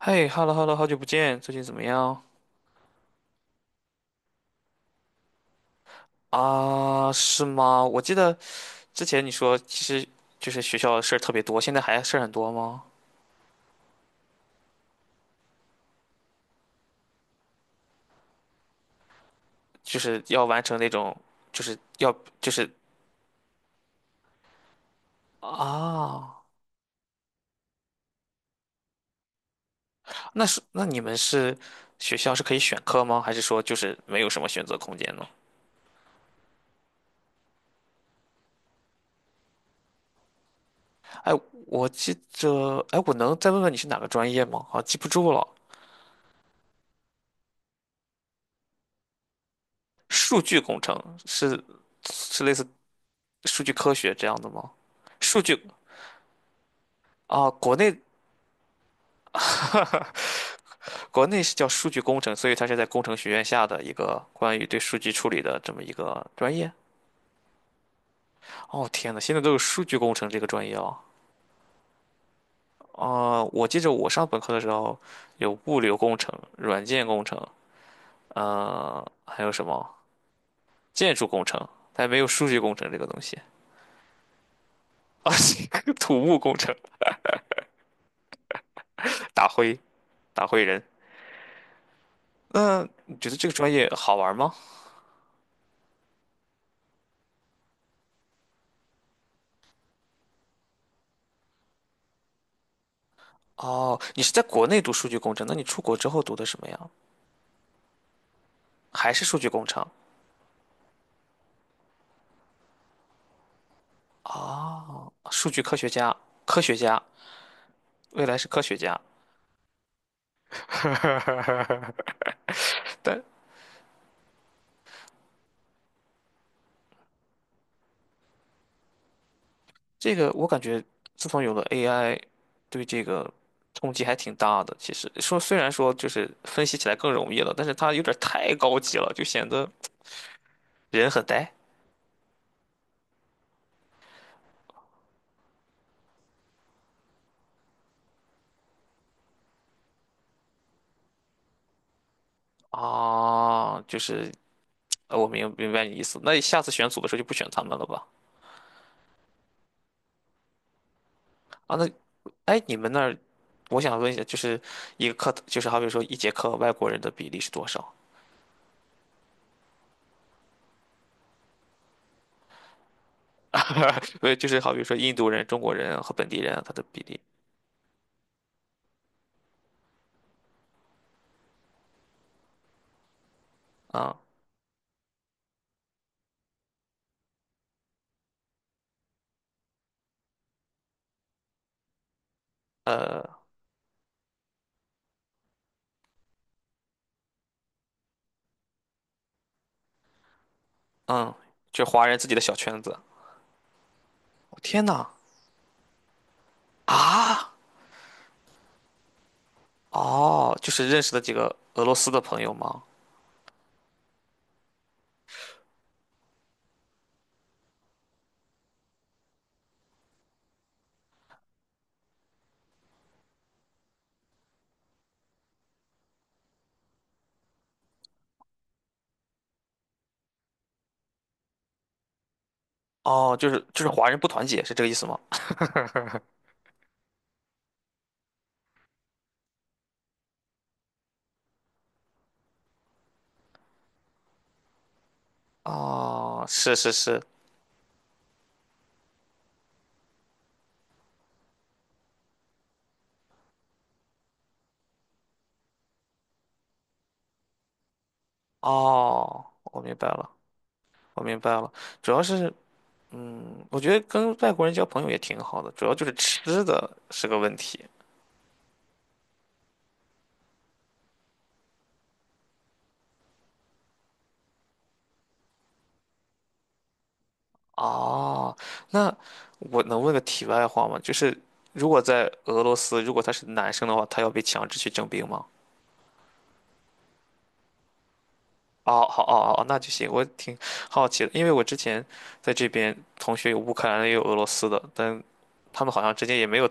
嘿，hello hello，好久不见，最近怎么样？啊，是吗？我记得之前你说，其实就是学校的事儿特别多，现在还事儿很多吗？就是要完成那种，就是要。啊，那你们学校是可以选课吗？还是说就是没有什么选择空间呢？哎，我记着，哎，我能再问问你是哪个专业吗？啊，记不住了。数据工程是类似数据科学这样的吗？数据啊，国内 国内是叫数据工程，所以它是在工程学院下的一个关于对数据处理的这么一个专业。哦，天呐，现在都有数据工程这个专业哦。啊、我记着我上本科的时候有物流工程、软件工程，还有什么建筑工程，但没有数据工程这个东西。啊，土木工程，打灰打灰人。那你觉得这个专业好玩吗？哦，你是在国内读数据工程，那你出国之后读的什么呀？还是数据工程？数据科学家、科学家，未来是科学家。但这个我感觉，自从有了 AI，对这个冲击还挺大的。其实说虽然说就是分析起来更容易了，但是它有点太高级了，就显得人很呆。啊。我明白你意思。那下次选组的时候就不选他们了吧？啊，那哎，你们那儿，我想问一下，就是一个课，就是好比说一节课外国人的比例是多少？不是，就是好比说印度人、中国人和本地人啊他的比例啊。嗯，就华人自己的小圈子。我天呐！啊，哦，就是认识的几个俄罗斯的朋友吗？哦，就是华人不团结，是这个意思吗？哦，是是是，哦，我明白了，我明白了。主要是，嗯，我觉得跟外国人交朋友也挺好的，主要就是吃的是个问题。哦，那我能问个题外话吗？就是如果在俄罗斯，如果他是男生的话，他要被强制去征兵吗？哦，好，哦，哦，哦那就行。我挺好奇的，因为我之前在这边同学有乌克兰的，也有俄罗斯的，但他们好像之间也没有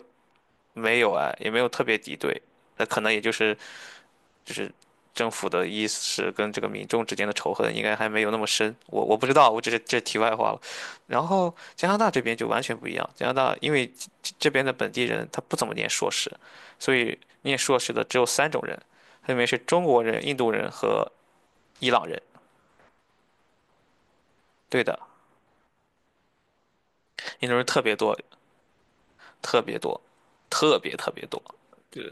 没有哎，也没有特别敌对。那可能也就是就是政府的意识跟这个民众之间的仇恨应该还没有那么深。我不知道，我只是这是题外话了。然后加拿大这边就完全不一样，加拿大因为这边的本地人他不怎么念硕士，所以念硕士的只有三种人，分别是中国人、印度人和伊朗人。对的。印度人特别多，特别多，特别特别多。对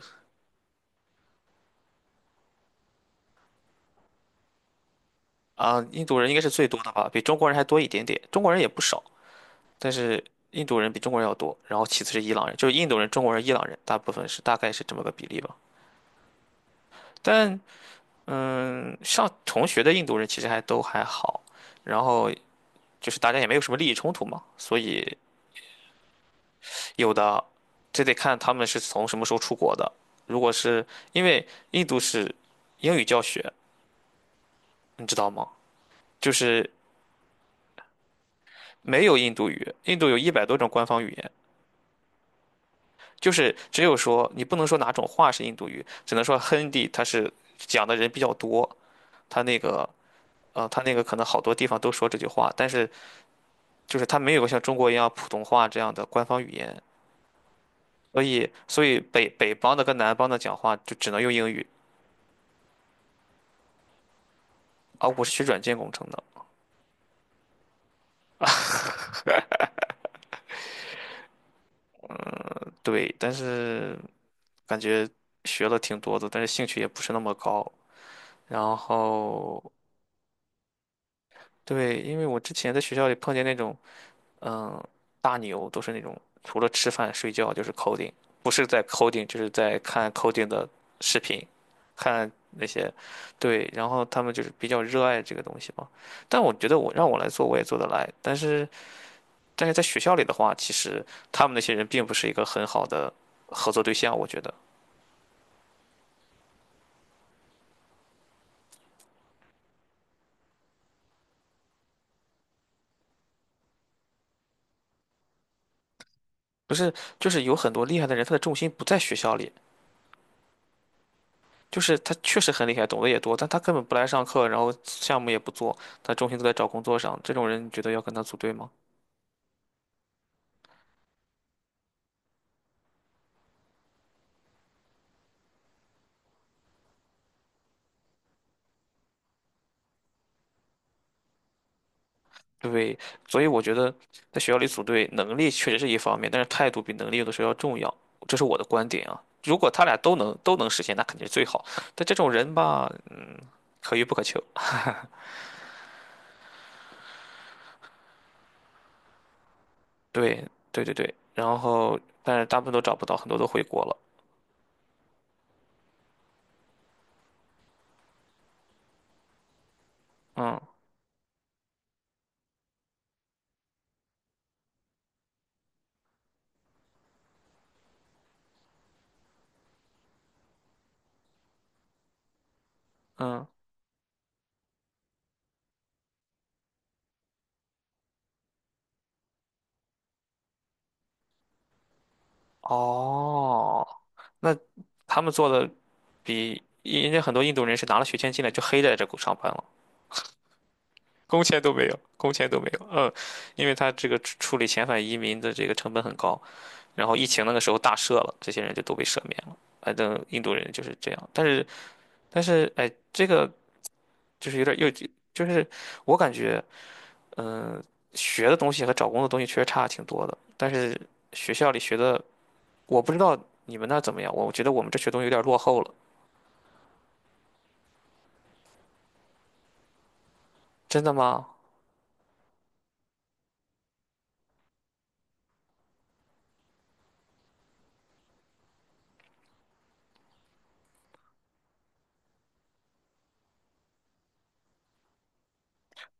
啊，印度人应该是最多的吧，比中国人还多一点点。中国人也不少，但是印度人比中国人要多。然后其次是伊朗人，就是印度人、中国人、伊朗人，大概是这么个比例吧。但嗯，上同学的印度人其实还好，然后就是大家也没有什么利益冲突嘛，所以有的这得看他们是从什么时候出国的。如果是因为印度是英语教学，你知道吗？就是没有印度语，印度有一百多种官方语言，就是只有说你不能说哪种话是印度语，只能说 Hindi 它是讲的人比较多，它那个它那个可能好多地方都说这句话，但是就是它没有像中国一样普通话这样的官方语言，所以北方的跟南方的讲话就只能用英语。啊，我是学软件工程的，对，但是感觉学了挺多的，但是兴趣也不是那么高，然后对，因为我之前在学校里碰见那种。嗯，大牛都是那种除了吃饭睡觉就是 coding，不是在 coding 就是在看 coding 的视频，看那些，对，然后他们就是比较热爱这个东西嘛。但我觉得我来做我也做得来，但是在学校里的话，其实他们那些人并不是一个很好的合作对象，我觉得不是，就是有很多厉害的人，他的重心不在学校里。就是他确实很厉害，懂得也多，但他根本不来上课，然后项目也不做，他重心都在找工作上。这种人，你觉得要跟他组队吗？对，所以我觉得在学校里组队，能力确实是一方面，但是态度比能力有的时候要重要，这是我的观点啊。如果他俩都能实现，那肯定是最好。但这种人吧，可遇不可求。对，对对对。然后，但是大部分都找不到，很多都回国了。嗯嗯，哦，那他们做的比人家很多印度人是拿了学签进来就黑在这上班了，工签都没有，工签都没有。嗯，因为他这个处理遣返移民的这个成本很高。然后疫情那个时候大赦了，这些人就都被赦免了。反正印度人就是这样，但是哎，这个就是有点又就是我感觉，嗯、学的东西和找工作的东西确实差挺多的。但是学校里学的，我不知道你们那儿怎么样，我觉得我们这学东西有点落后了。真的吗？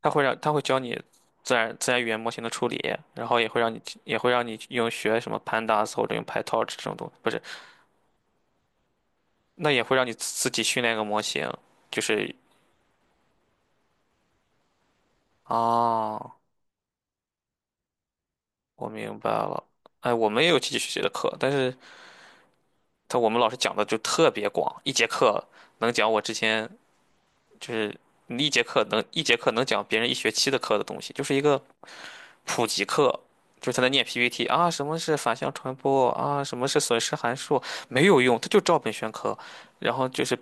他会教你自然语言模型的处理，然后也会让你用学什么 Pandas 或者用 PyTorch 这种东西，不是，那也会让你自己训练一个模型，就是哦，我明白了。哎，我们也有经济学习的课，但是我们老师讲的就特别广，能讲我之前就是一节课一节课能讲别人一学期的课的东西，就是一个普及课，就是他在念 PPT 啊，什么是反向传播啊，什么是损失函数，没有用，他就照本宣科。然后就是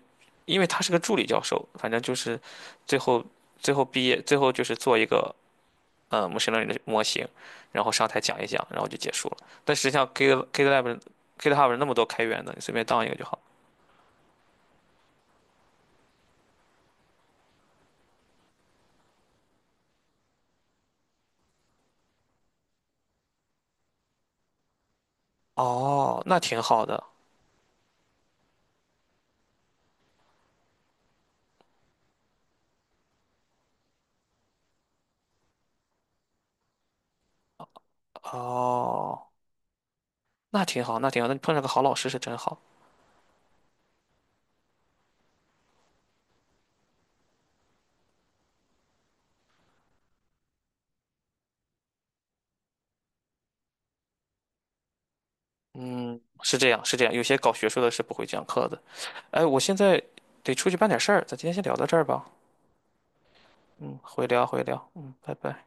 因为他是个助理教授，反正就是最后最后毕业就是做一个模 ACH 的模型，然后上台讲一讲，然后就结束了。但实际上 GitLab GitHub 那么多开源的，你随便当一个就好。哦，那挺好的。哦，那挺好，那挺好。那你碰上个好老师是真好。嗯，是这样，是这样。有些搞学术的是不会讲课的。哎，我现在得出去办点事儿，咱今天先聊到这儿吧。嗯，回聊回聊。嗯，拜拜。